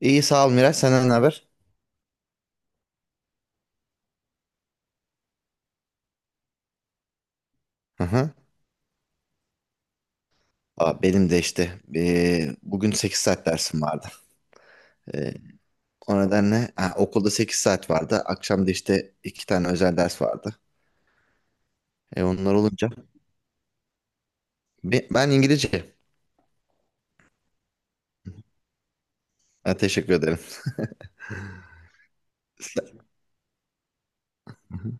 İyi sağ ol Miraç. Senden ne haber? Hı hı. Aa, benim de işte bugün 8 saat dersim vardı. Eee, O nedenle okulda 8 saat vardı. Akşam da işte 2 tane özel ders vardı. Onlar olunca. Ben İngilizce. Ha, teşekkür ederim. Sen- Hı hı.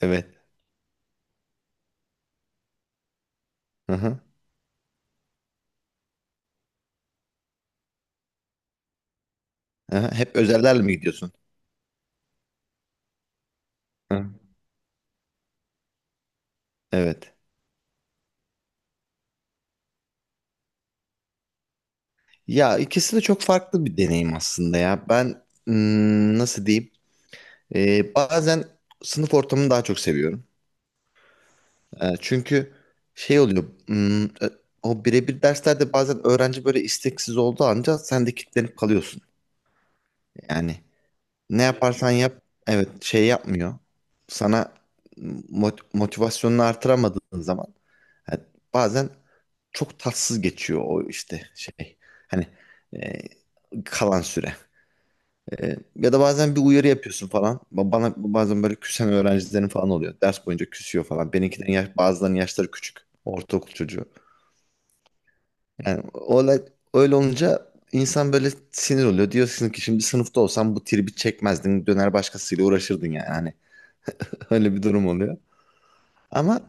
Evet. Hı hı. Hı hı. Hep özellerle mi gidiyorsun? Hı. Evet. Ya ikisi de çok farklı bir deneyim aslında ya. Ben nasıl diyeyim? Bazen sınıf ortamını daha çok seviyorum. Çünkü şey oluyor. O birebir derslerde bazen öğrenci böyle isteksiz olduğu anca sen de kilitlenip kalıyorsun. Yani ne yaparsan yap, evet, şey yapmıyor. Sana motivasyonunu artıramadığın zaman yani bazen çok tatsız geçiyor o işte şey. Hani e, kalan süre. Ya da bazen bir uyarı yapıyorsun falan. Bana bazen böyle küsen öğrencilerin falan oluyor. Ders boyunca küsüyor falan. Bazılarının yaşları küçük. Ortaokul çocuğu. Yani olay öyle olunca insan böyle sinir oluyor. Diyorsun ki şimdi sınıfta olsam bu tribi çekmezdin. Döner başkasıyla uğraşırdın yani. Hani öyle bir durum oluyor. Ama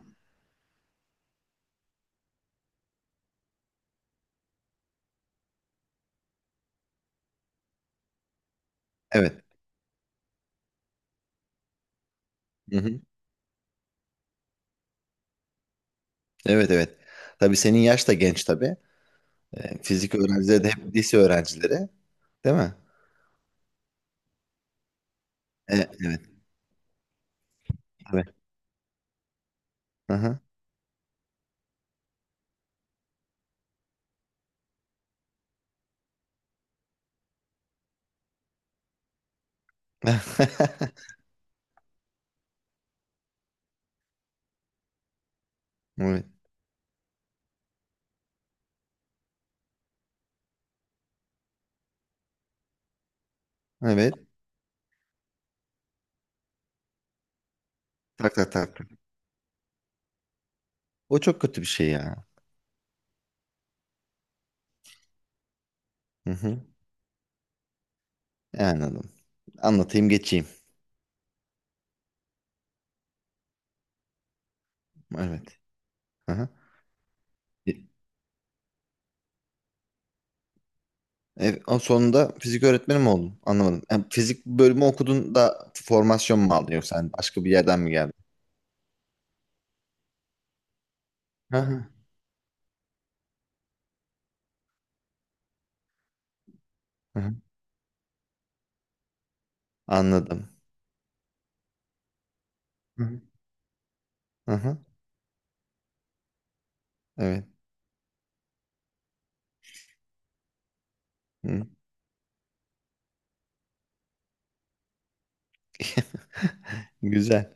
evet. Hı hı. Evet, evet. Tabii, senin yaş da genç tabii. Fizik öğrencileri de hep lise öğrencileri. Değil mi? E, evet. Evet. Aha. Evet. Evet. Tak tak tak. Tak. O çok kötü bir şey ya. Hı hı. Anladım. Anlatayım geçeyim. Evet. Hı hı. E, Sonunda fizik öğretmeni mi oldun? Anlamadım. Fizik bölümü okudun da formasyon mu aldın, yoksa hani başka bir yerden mi geldin? Hı hı. Hı hı. Anladım. Hı hı. Hı hı. Evet. Hı. Güzel.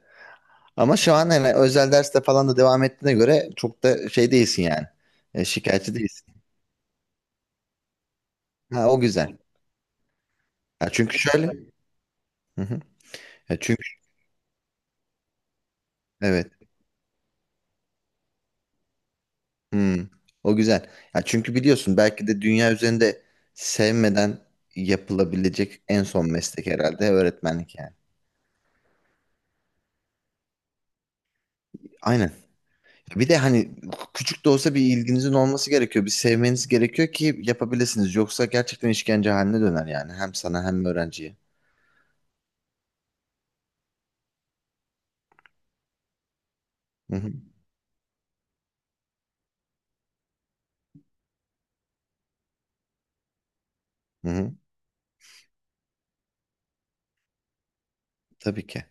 Ama şu an hani özel derste falan da devam ettiğine göre çok da şey değilsin yani. Şikayetçi değilsin. Ha, o güzel. Ha, çünkü şöyle. Hı hı. Ya çünkü evet. Hmm, o güzel. Ya çünkü biliyorsun, belki de dünya üzerinde sevmeden yapılabilecek en son meslek herhalde öğretmenlik yani. Aynen. Bir de hani küçük de olsa bir ilginizin olması gerekiyor. Bir sevmeniz gerekiyor ki yapabilirsiniz. Yoksa gerçekten işkence haline döner yani. Hem sana hem öğrenciye. Hı hı. Hı hı. Tabii ki.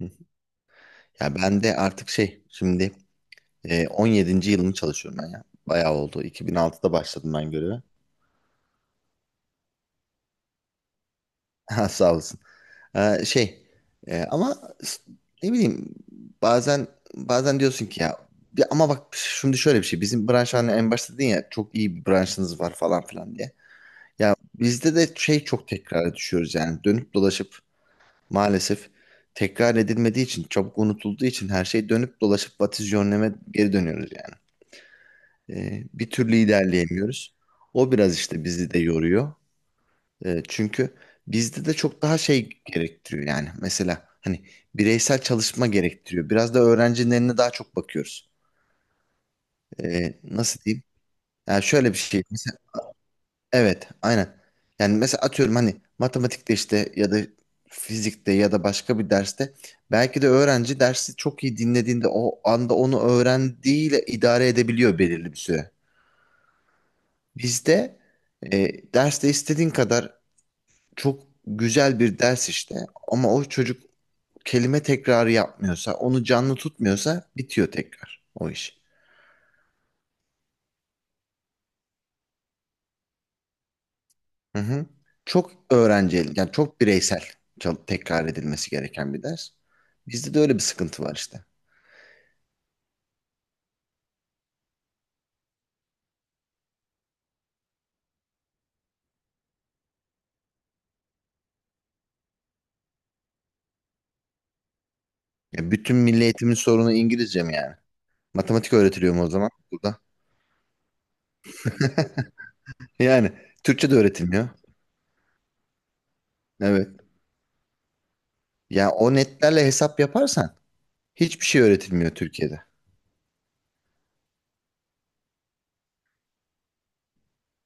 Hı. Ya ben de artık şey şimdi 17. yılımı çalışıyorum ben ya. Bayağı oldu. 2006'da başladım ben göreve. Ha, sağ olasın. Şey ama s- ne bileyim, bazen bazen diyorsun ki ya ama bak, şimdi şöyle bir şey, bizim branş hani en başta dedin ya çok iyi bir branşınız var falan filan diye. Ya bizde de şey, çok tekrar düşüyoruz yani, dönüp dolaşıp maalesef tekrar edilmediği için, çabuk unutulduğu için her şey dönüp dolaşıp vatisyonleme geri dönüyoruz yani. Bir türlü ilerleyemiyoruz. O biraz işte bizi de yoruyor. Çünkü bizde de çok daha şey gerektiriyor yani. Mesela hani bireysel çalışma gerektiriyor. Biraz da öğrencinin eline daha çok bakıyoruz. Nasıl diyeyim? Yani şöyle bir şey. Mesela, evet, aynen. Yani mesela atıyorum hani matematikte işte, ya da fizikte, ya da başka bir derste belki de öğrenci dersi çok iyi dinlediğinde o anda onu öğrendiğiyle idare edebiliyor belirli bir süre. Bizde derste istediğin kadar çok güzel bir ders işte, ama o çocuk kelime tekrarı yapmıyorsa, onu canlı tutmuyorsa bitiyor tekrar o iş. Hı hı. Yani çok bireysel, tekrar edilmesi gereken bir ders. Bizde de öyle bir sıkıntı var işte. Ya bütün milli eğitimin sorunu İngilizce mi yani? Matematik öğretiliyor mu o zaman burada? Yani Türkçe de öğretilmiyor. Evet. Yani o netlerle hesap yaparsan hiçbir şey öğretilmiyor Türkiye'de.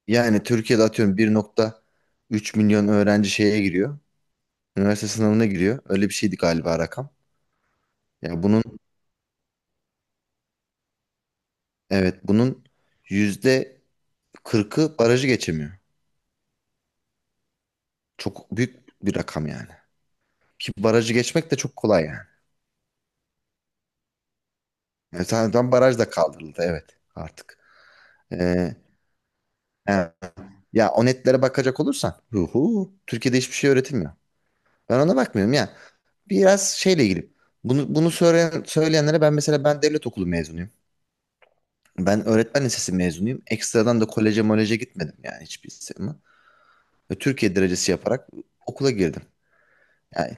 Yani Türkiye'de atıyorum 1,3 milyon öğrenci şeye giriyor. Üniversite sınavına giriyor. Öyle bir şeydi galiba rakam. Ya bunun, evet, bunun %40'ı barajı geçemiyor. Çok büyük bir rakam yani. Ki barajı geçmek de çok kolay yani. Yani zaten baraj da kaldırıldı, evet, artık. Ee, yani ya o netlere bakacak olursan, hu hu, Türkiye'de hiçbir şey öğretilmiyor. Ben ona bakmıyorum ya. Biraz şeyle ilgili. Bunu söyleyenlere, mesela ben devlet okulu mezunuyum. Ben öğretmen lisesi mezunuyum. Ekstradan da koleje moleje gitmedim yani hiçbir zaman. Ve Türkiye derecesi yaparak okula girdim. Yani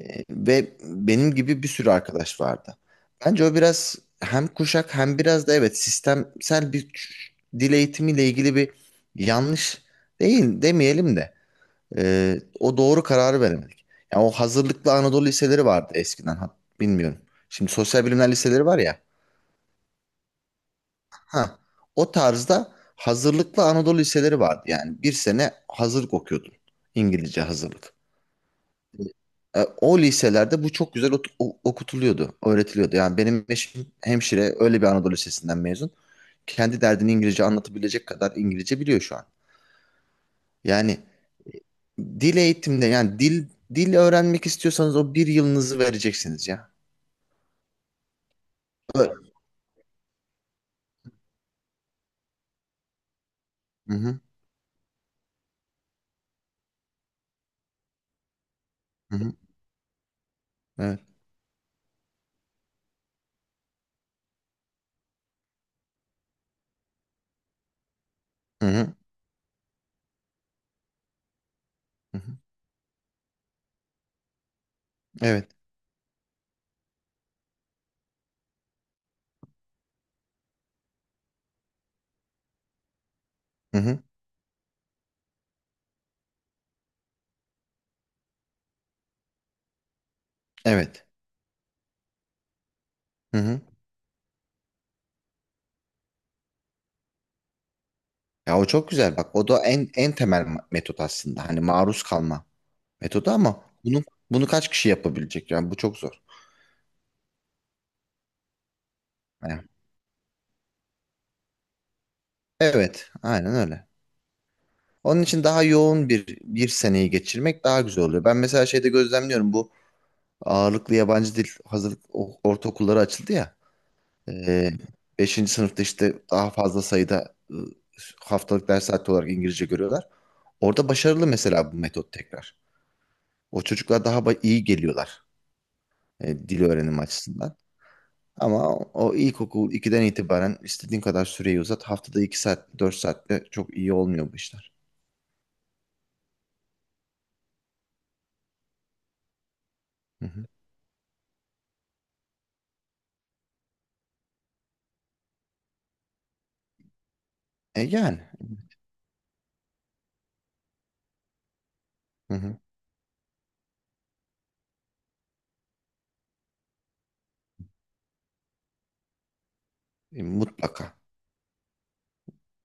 ve benim gibi bir sürü arkadaş vardı. Bence o biraz hem kuşak hem biraz da, evet, sistemsel bir dil eğitimiyle ilgili bir yanlış, değil demeyelim de. O doğru kararı veremedik. Yani o hazırlıklı Anadolu liseleri vardı eskiden. Ha, bilmiyorum. Şimdi sosyal bilimler liseleri var ya. Ha, o tarzda hazırlıklı Anadolu liseleri vardı. Yani bir sene hazırlık okuyordun. İngilizce hazırlık. O liselerde bu çok güzel okutuluyordu, öğretiliyordu. Yani benim eşim hemşire, öyle bir Anadolu lisesinden mezun. Kendi derdini İngilizce anlatabilecek kadar İngilizce biliyor şu an. Yani dil eğitimde yani dil öğrenmek istiyorsanız o bir yılınızı vereceksiniz ya. Evet. Hı hı. Hı hı. Evet. Hı hı. Hı hı. Evet. Hı hı. Evet. Hı hı. Ya o çok güzel bak. O da en temel metot aslında. Hani maruz kalma metodu, ama bunu kaç kişi yapabilecek? Yani bu çok zor. Evet. Evet, aynen öyle. Onun için daha yoğun bir seneyi geçirmek daha güzel oluyor. Ben mesela şeyde gözlemliyorum, bu ağırlıklı yabancı dil hazırlık ortaokulları açıldı ya. Ee, 5. sınıfta işte daha fazla sayıda haftalık ders saati olarak İngilizce görüyorlar. Orada başarılı mesela bu metot tekrar. O çocuklar daha iyi geliyorlar, dil öğrenimi açısından. Ama o ilkokul 2'den itibaren istediğin kadar süreyi uzat. Haftada 2 saat, 4 saatte çok iyi olmuyor bu işler. Hı hı. E yani. Hı hı. Mutlaka.